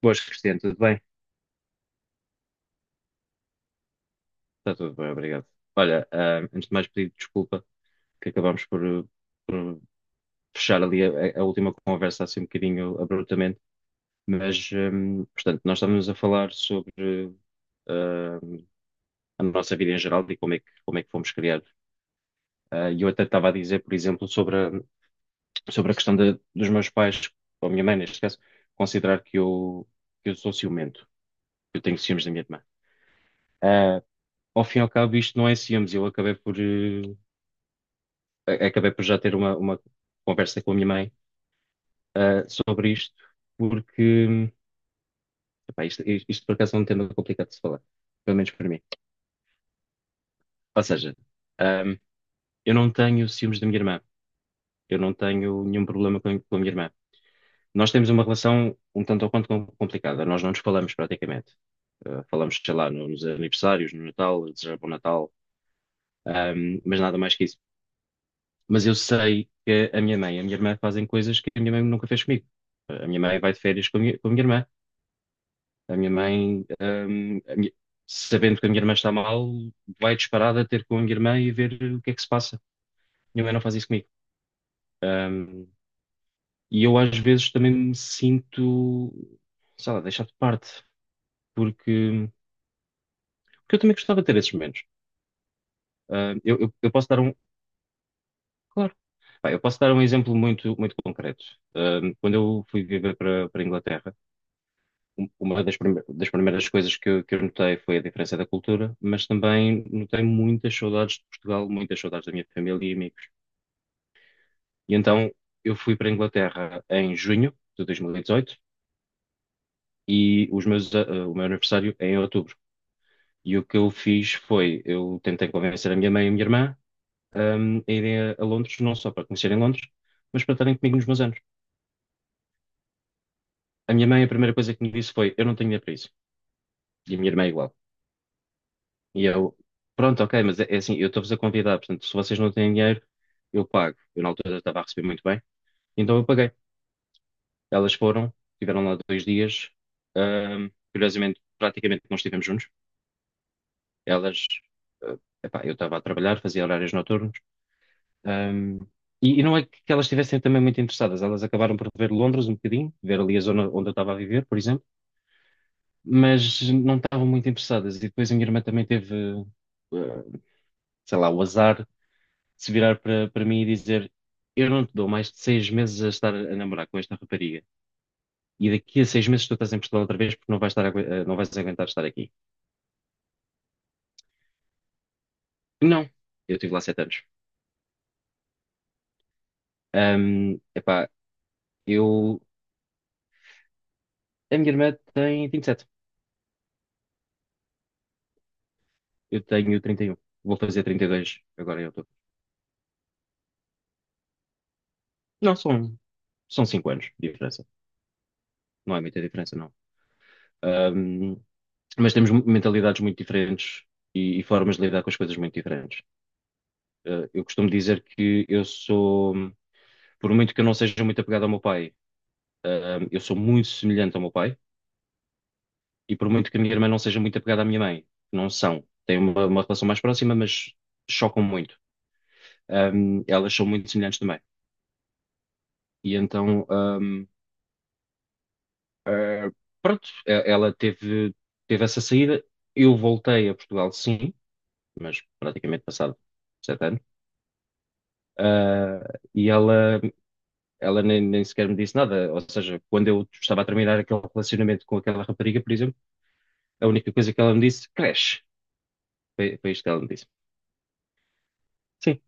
Boas, Cristiano, tudo bem? Está tudo bem, obrigado. Olha, antes de mais pedir desculpa que acabámos por fechar ali a última conversa assim um bocadinho abruptamente, mas, portanto, nós estávamos a falar sobre ah, a nossa vida em geral e como é que fomos criados. E eu até estava a dizer, por exemplo, sobre sobre a questão dos meus pais, ou a minha mãe neste caso, considerar que que eu sou ciumento, que eu tenho ciúmes da minha irmã. Ah, Ao fim e ao cabo, isto não é ciúmes, eu acabei por, acabei por já ter uma conversa com a minha mãe, sobre isto, porque epá, isto por acaso é um tema complicado de se falar, pelo menos para mim. Ou seja, ahm, eu não tenho ciúmes da minha irmã, eu não tenho nenhum problema com a minha irmã. Nós temos uma relação um tanto ou quanto complicada, nós não nos falamos praticamente. Falamos, sei lá, nos aniversários, no Natal, desejar bom Natal, mas nada mais que isso. Mas eu sei que a minha mãe e a minha irmã fazem coisas que a minha mãe nunca fez comigo. A minha mãe vai de férias com com a minha irmã. A minha mãe, sabendo que a minha irmã está mal, vai disparada ter com a minha irmã e ver o que é que se passa. Minha mãe não faz isso comigo. Hum, e eu às vezes também me sinto, sei lá, deixado de parte, porque, eu também gostava de ter esses momentos. Eu posso dar claro, pá, eu posso dar um exemplo muito, muito concreto. Quando eu fui viver para a Inglaterra, uma das primeiras coisas que eu notei foi a diferença da cultura, mas também notei muitas saudades de Portugal, muitas saudades da minha família e amigos. E então eu fui para a Inglaterra em junho de 2018 e o meu aniversário é em outubro. E o que eu fiz foi, eu tentei convencer a minha mãe e a minha irmã, a irem a Londres, não só para conhecerem Londres, mas para estarem comigo nos meus anos. A minha mãe, a primeira coisa que me disse foi: eu não tenho dinheiro para isso. E a minha irmã igual. E eu, pronto, ok, mas é assim, eu estou-vos a convidar, portanto, se vocês não têm dinheiro, eu pago. Eu na altura estava a receber muito bem, então eu paguei. Elas foram, tiveram lá 2 dias, curiosamente, praticamente não estivemos juntos. Elas, ah, epá, eu estava a trabalhar, fazia horários noturnos, ahm, e não é que elas estivessem também muito interessadas, elas acabaram por ver Londres um bocadinho, ver ali a zona onde eu estava a viver, por exemplo, mas não estavam muito interessadas. E depois a minha irmã também teve, ah, sei lá, o azar se virar para mim e dizer: eu não te dou mais de 6 meses a estar a namorar com esta rapariga, e daqui a 6 meses tu estás em Portugal outra vez porque não vais estar, não vais aguentar estar aqui. Não, eu estive lá 7 anos. Epá, eu. A minha irmã tem 27, eu tenho 31, vou fazer 32 agora em outubro. Não, são 5 anos de diferença, não é muita diferença, não. Ahm, mas temos mentalidades muito diferentes e formas de lidar com as coisas muito diferentes. Eu costumo dizer que eu sou. Por muito que eu não seja muito apegado ao meu pai, eu sou muito semelhante ao meu pai, e por muito que a minha irmã não seja muito apegada à minha mãe, não são. Têm uma relação mais próxima, mas chocam muito. Elas são muito semelhantes também. E então, ah, pronto, ela teve essa saída. Eu voltei a Portugal, sim, mas praticamente passado 7 anos. E ela nem sequer me disse nada. Ou seja, quando eu estava a terminar aquele relacionamento com aquela rapariga, por exemplo. A única coisa que ela me disse: cresce. Foi isto que ela me disse. Sim.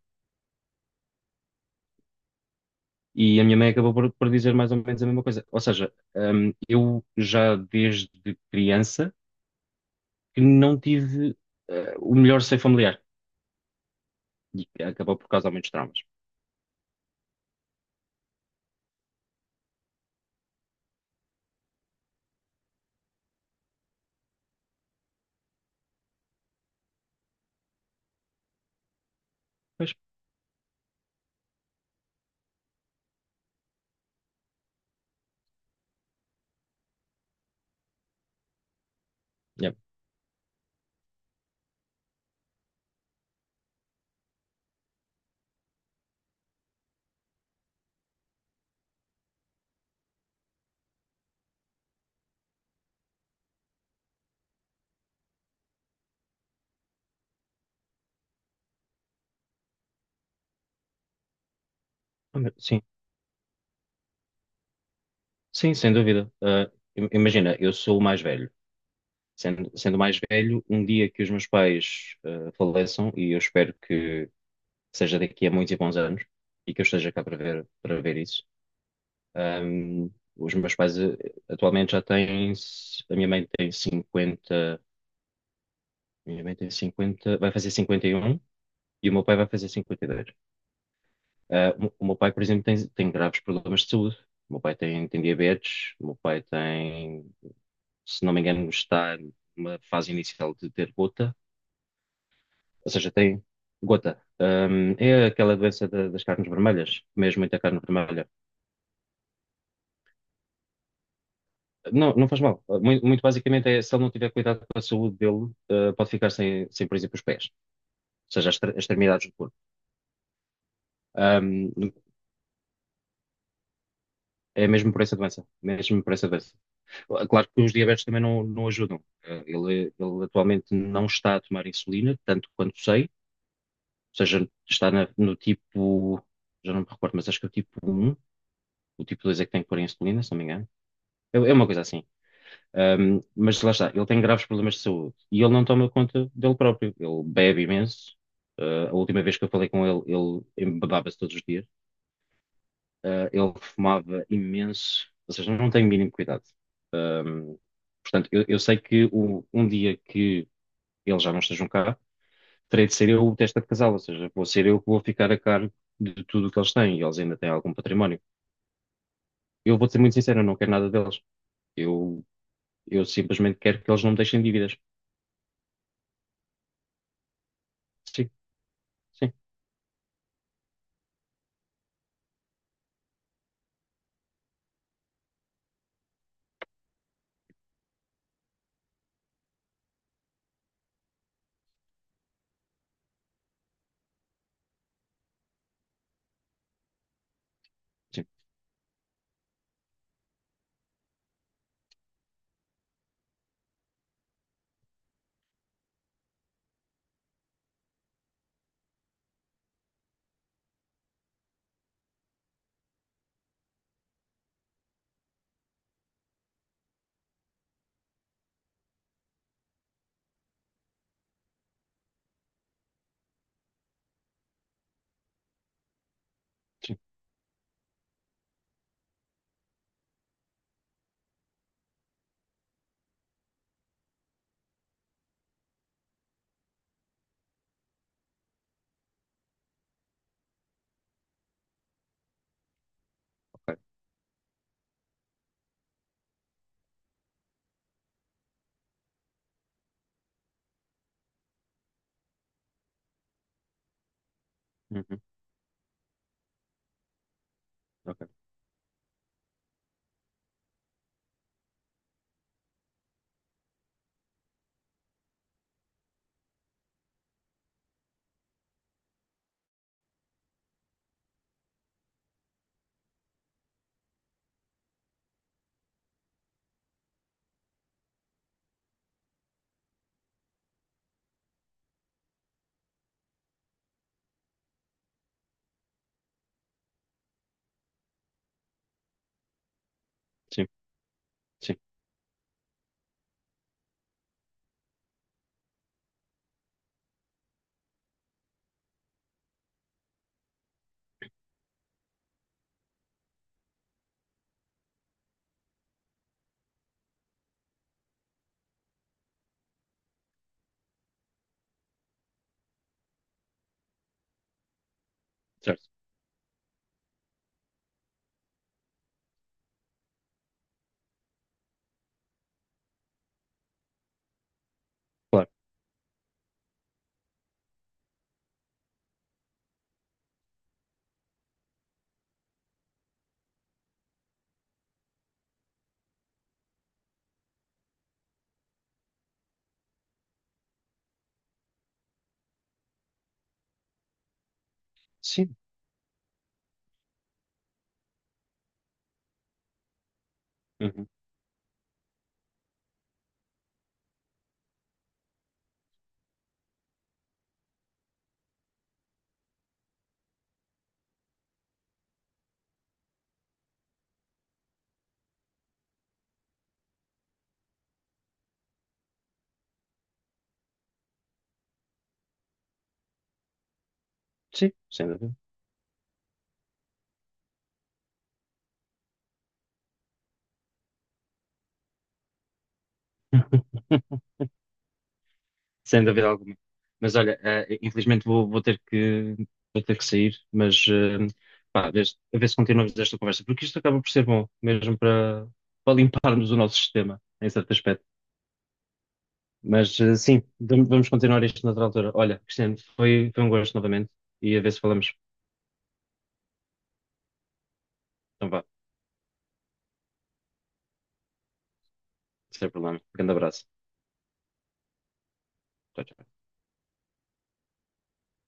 E a minha mãe acabou por dizer mais ou menos a mesma coisa. Ou seja, eu já desde criança que não tive o melhor seio familiar. E acabou por causar muitos traumas. Pois, yeah. Sim, sim, sem dúvida. Imagina, eu sou o mais velho. Sendo o mais velho, um dia que os meus pais faleçam, e eu espero que seja daqui a muitos e bons anos, e que eu esteja cá para ver, isso. ahm, os meus pais atualmente a minha mãe tem 50, minha mãe tem 50, vai fazer 51, e o meu pai vai fazer 52. O meu pai, por exemplo, tem graves problemas de saúde. O meu pai tem diabetes. O meu pai tem, se não me engano, está numa fase inicial de ter gota. Ou seja, tem gota. É aquela doença das carnes vermelhas, mesmo muita carne vermelha. Não, não faz mal. Muito, muito basicamente é, se ele não tiver cuidado com a saúde dele, pode ficar sem, sem, por exemplo, os pés, ou seja, as extremidades do corpo. Hum, É mesmo por essa doença, mesmo por essa doença. Claro que os diabetes também não ajudam. Ele atualmente não está a tomar insulina, tanto quanto sei, seja, está no tipo, já não me recordo, mas acho que é o tipo um. O tipo 2 é que tem que pôr em insulina, se não me engano. É uma coisa assim. Mas lá está, ele tem graves problemas de saúde e ele não toma conta dele próprio. Ele bebe imenso. A última vez que eu falei com ele, ele embebava-se todos os dias. Ele fumava imenso, ou seja, não tem o mínimo cuidado. Ahm, Portanto, eu sei um dia que ele já não esteja cá, terei de ser eu o testa de casal, ou seja, vou ser eu que vou ficar a cargo de tudo o que eles têm, e eles ainda têm algum património. Eu vou ser muito sincero, eu não quero nada deles. Eu, eu simplesmente quero que eles não me deixem dívidas. Sim, sim, sim, sim, ok. Uhum, ok. Sim, sim, certo. Claro. Sim, uhum, sim, sem dúvida. Sem dúvida alguma. Mas olha, infelizmente vou ter que sair, mas pá, a ver se continuamos esta conversa, porque isto acaba por ser bom, mesmo para, para limparmos o nosso sistema, em certo aspecto. Mas sim, vamos continuar isto noutra altura. Olha, Cristiano, foi um gosto novamente e a ver se falamos. Então vá, sem problema. Grande abraço. Tchau, tchau.